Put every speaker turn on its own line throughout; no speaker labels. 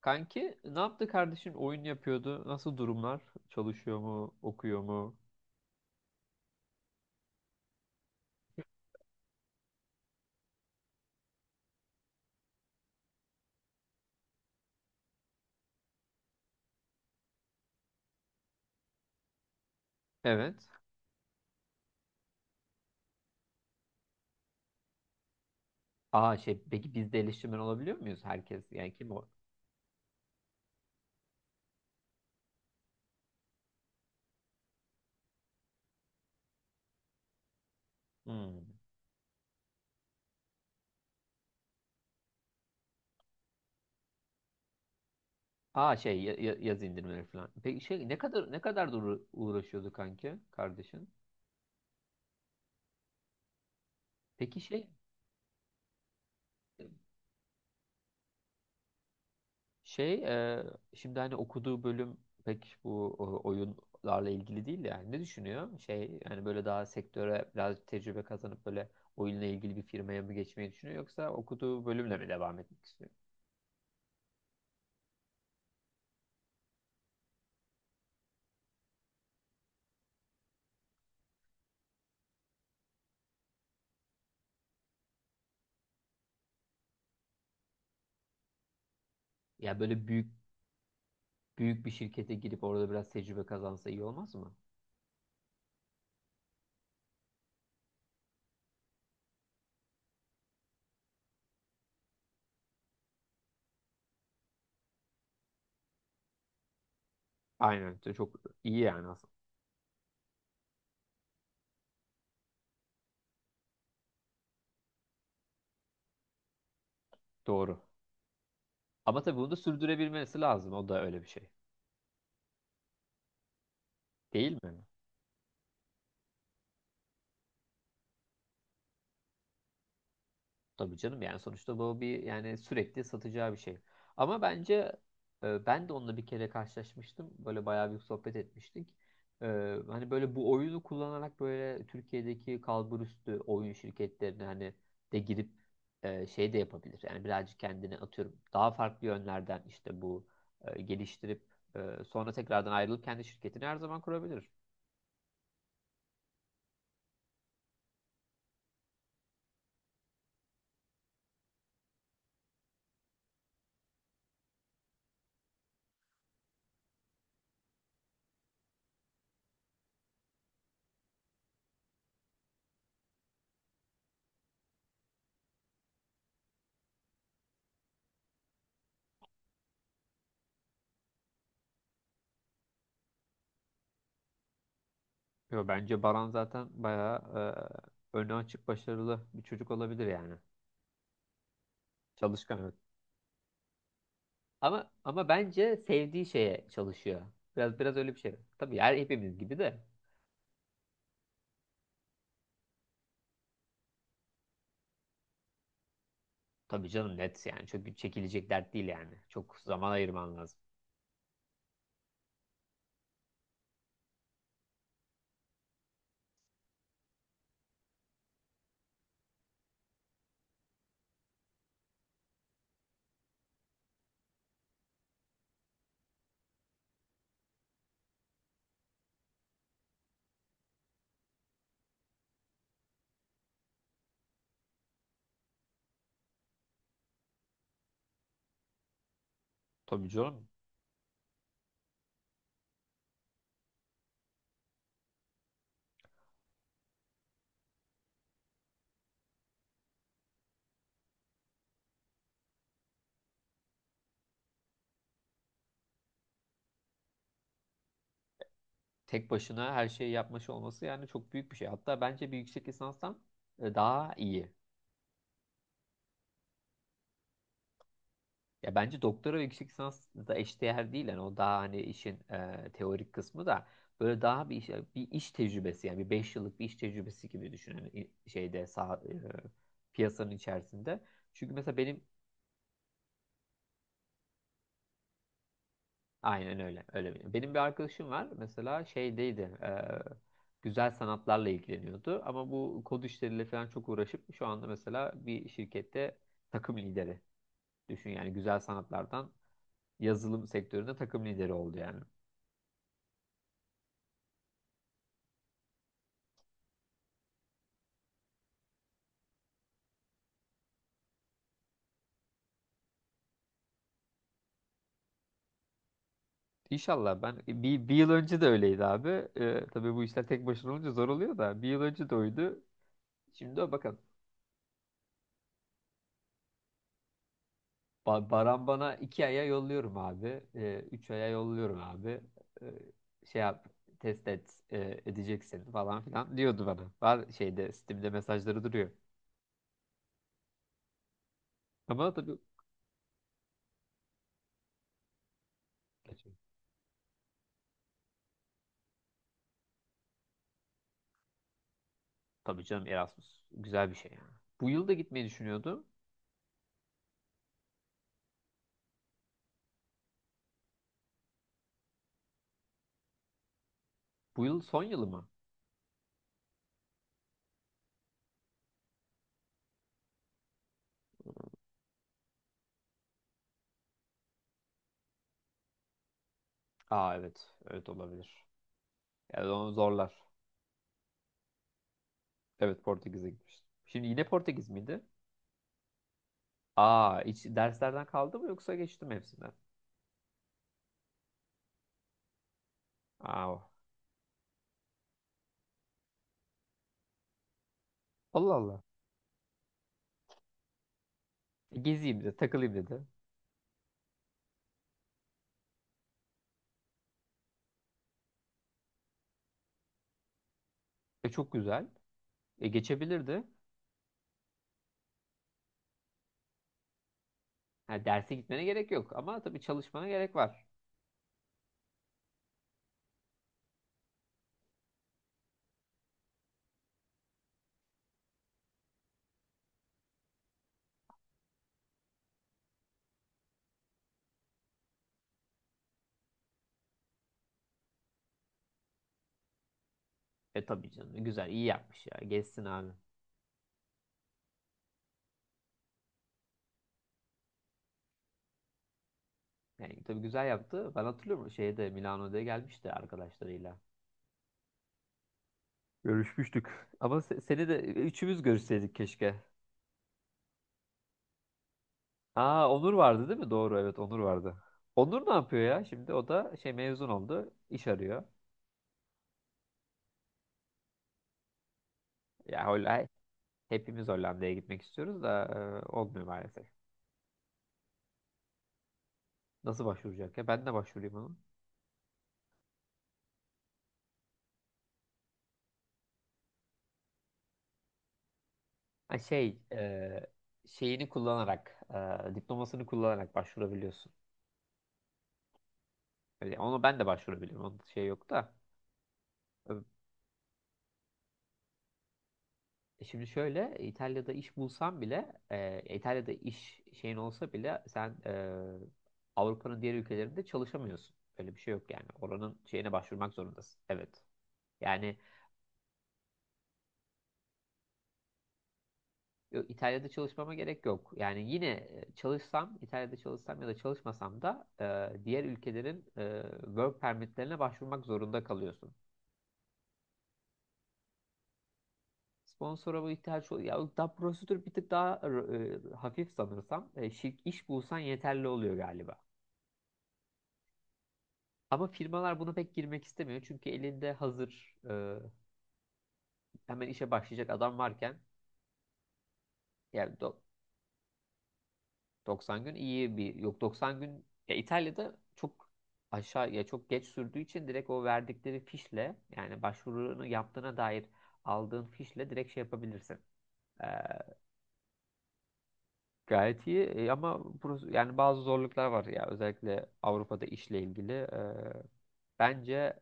Kanki ne yaptı kardeşin? Oyun yapıyordu. Nasıl durumlar? Çalışıyor mu? Okuyor mu? Evet. Aa şey, peki biz de eleştirmen olabiliyor muyuz? Herkes yani, kim o? Hmm. Aa şey, yazı indirmeleri falan. Peki şey, ne kadar uğraşıyordu kanki kardeşin? Peki şey. Şey, şimdi hani okuduğu bölüm pek bu oyunlarla ilgili değil de, yani ne düşünüyor? Şey, yani böyle daha sektöre biraz tecrübe kazanıp böyle oyunla ilgili bir firmaya mı geçmeyi düşünüyor, yoksa okuduğu bölümle mi devam etmek istiyor? Ya böyle büyük büyük bir şirkete girip orada biraz tecrübe kazansa iyi olmaz mı? Aynen, çok iyi yani aslında. Doğru. Ama tabii bunu da sürdürebilmesi lazım. O da öyle bir şey. Değil mi? Tabii canım, yani sonuçta bu bir, yani sürekli satacağı bir şey. Ama bence, ben de onunla bir kere karşılaşmıştım. Böyle bayağı bir sohbet etmiştik. E, hani böyle bu oyunu kullanarak böyle Türkiye'deki kalburüstü oyun şirketlerine hani de girip, şey de yapabilir. Yani birazcık kendini atıyorum. Daha farklı yönlerden işte bu geliştirip, sonra tekrardan ayrılıp kendi şirketini her zaman kurabilir. Yo, bence Baran zaten bayağı, önü açık, başarılı bir çocuk olabilir yani. Çalışkan. Ama bence sevdiği şeye çalışıyor. Biraz öyle bir şey. Tabii her hepimiz gibi de. Tabii canım, net yani. Çok çekilecek dert değil yani. Çok zaman ayırman lazım. Tabii canım. Tek başına her şeyi yapmış olması yani çok büyük bir şey. Hatta bence bir yüksek lisanstan, daha iyi. Ya bence doktora ve yüksek lisans da eşdeğer değil. Yani o daha hani işin, teorik kısmı da böyle daha bir iş, tecrübesi, yani bir 5 yıllık bir iş tecrübesi gibi düşün. Hani şeyde sağ, piyasanın içerisinde. Çünkü mesela benim. Aynen öyle. Öyle. Benim bir arkadaşım var. Mesela şeydeydi. Güzel sanatlarla ilgileniyordu. Ama bu kod işleriyle falan çok uğraşıp şu anda mesela bir şirkette takım lideri. Düşün yani, güzel sanatlardan yazılım sektöründe takım lideri oldu yani. İnşallah. Ben bir yıl önce de öyleydi abi. Tabii bu işler tek başına olunca zor oluyor da, bir yıl önce de oydu. Şimdi de bakalım. Baran bana 2 aya yolluyorum abi. 3 aya yolluyorum abi. Ee, Şey yap, test et, edeceksin falan filan diyordu bana. Var şeyde Steam'de mesajları duruyor. Ama tabii. Gerçekten. Tabii canım, Erasmus güzel bir şey yani. Bu yıl da gitmeyi düşünüyordum. Bu yıl son yılı mı? Aa evet. Evet olabilir. Yani onu zorlar. Evet, Portekiz'e gitmiştim. Şimdi yine Portekiz miydi? Aa, hiç derslerden kaldı mı, yoksa geçtim hepsinden? Aa. Allah Allah. Gezeyim de takılayım dedi. E, çok güzel. E, geçebilirdi. Ha, derse gitmene gerek yok, ama tabii çalışmana gerek var. E, tabii canım, güzel, iyi yapmış ya. Geçsin abi. Yani tabii güzel yaptı. Ben hatırlıyorum, şeyde Milano'da gelmişti arkadaşlarıyla. Görüşmüştük. Ama seni de, üçümüz görüşseydik keşke. Aa, Onur vardı değil mi? Doğru, evet, Onur vardı. Onur ne yapıyor ya? Şimdi o da şey, mezun oldu. İş arıyor. Ya Hollanda, hepimiz Hollanda'ya gitmek istiyoruz da, olmuyor maalesef. Nasıl başvuracak ya? Ben de başvurayım onu. Ha, şey, şeyini kullanarak, diplomasını kullanarak başvurabiliyorsun. Öyle, ona ben de başvurabilirim. Onun şey yok da. E, Şimdi şöyle, İtalya'da iş bulsan bile, İtalya'da iş şeyin olsa bile, sen, Avrupa'nın diğer ülkelerinde çalışamıyorsun. Öyle bir şey yok yani. Oranın şeyine başvurmak zorundasın. Evet. Yani İtalya'da çalışmama gerek yok. Yani yine, çalışsam, İtalya'da çalışsam ya da çalışmasam da, diğer ülkelerin, work permitlerine başvurmak zorunda kalıyorsun. Sponsora bu ihtiyaç oluyor. Ya da prosedür bir tık daha, hafif sanırsam. Şirk iş bulsan yeterli oluyor galiba. Ama firmalar buna pek girmek istemiyor. Çünkü elinde hazır, hemen işe başlayacak adam varken, yani do- 90 gün iyi, bir, yok, 90 gün ya. İtalya'da çok aşağı ya, çok geç sürdüğü için direkt o verdikleri fişle, yani başvurunu yaptığına dair aldığın fişle direkt şey yapabilirsin. Gayet iyi. Ama burası, yani bazı zorluklar var ya, özellikle Avrupa'da işle ilgili. Bence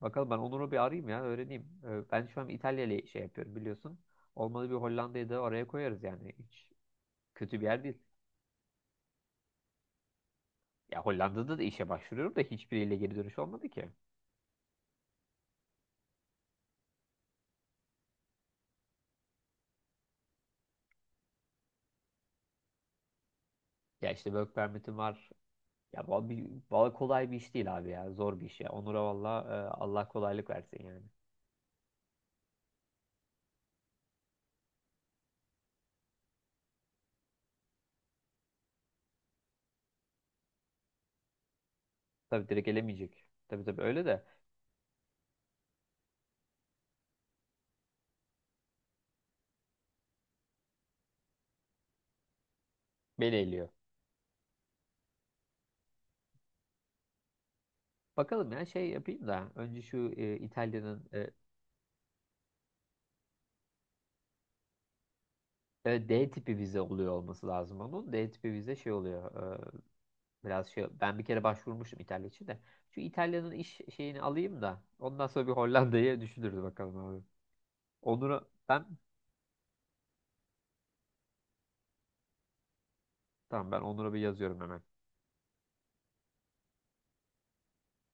bakalım, ben Onur'u bir arayayım ya, öğreneyim. Ben şu an İtalya ile şey yapıyorum biliyorsun. Olmadı bir Hollanda'yı da oraya koyarız, yani hiç kötü bir yer değil. Ya Hollanda'da da işe başvuruyorum da, hiçbiriyle geri dönüş olmadı ki. Ya işte work permit'im var. Ya bu kolay bir iş değil abi ya, zor bir iş ya. Onur'a valla, Allah kolaylık versin yani. Tabii direkt elemeyecek. Tabii tabii, öyle de beni eliyor. Bakalım ya, şey yapayım da önce şu, İtalya'nın, D tipi vize oluyor olması lazım onun. D tipi vize şey oluyor. e, Biraz şey, ben bir kere başvurmuştum İtalya için de. Şu İtalya'nın iş şeyini alayım da ondan sonra bir Hollanda'yı düşünürüz bakalım abi. Onur'a ben Tamam, ben Onur'a bir yazıyorum hemen.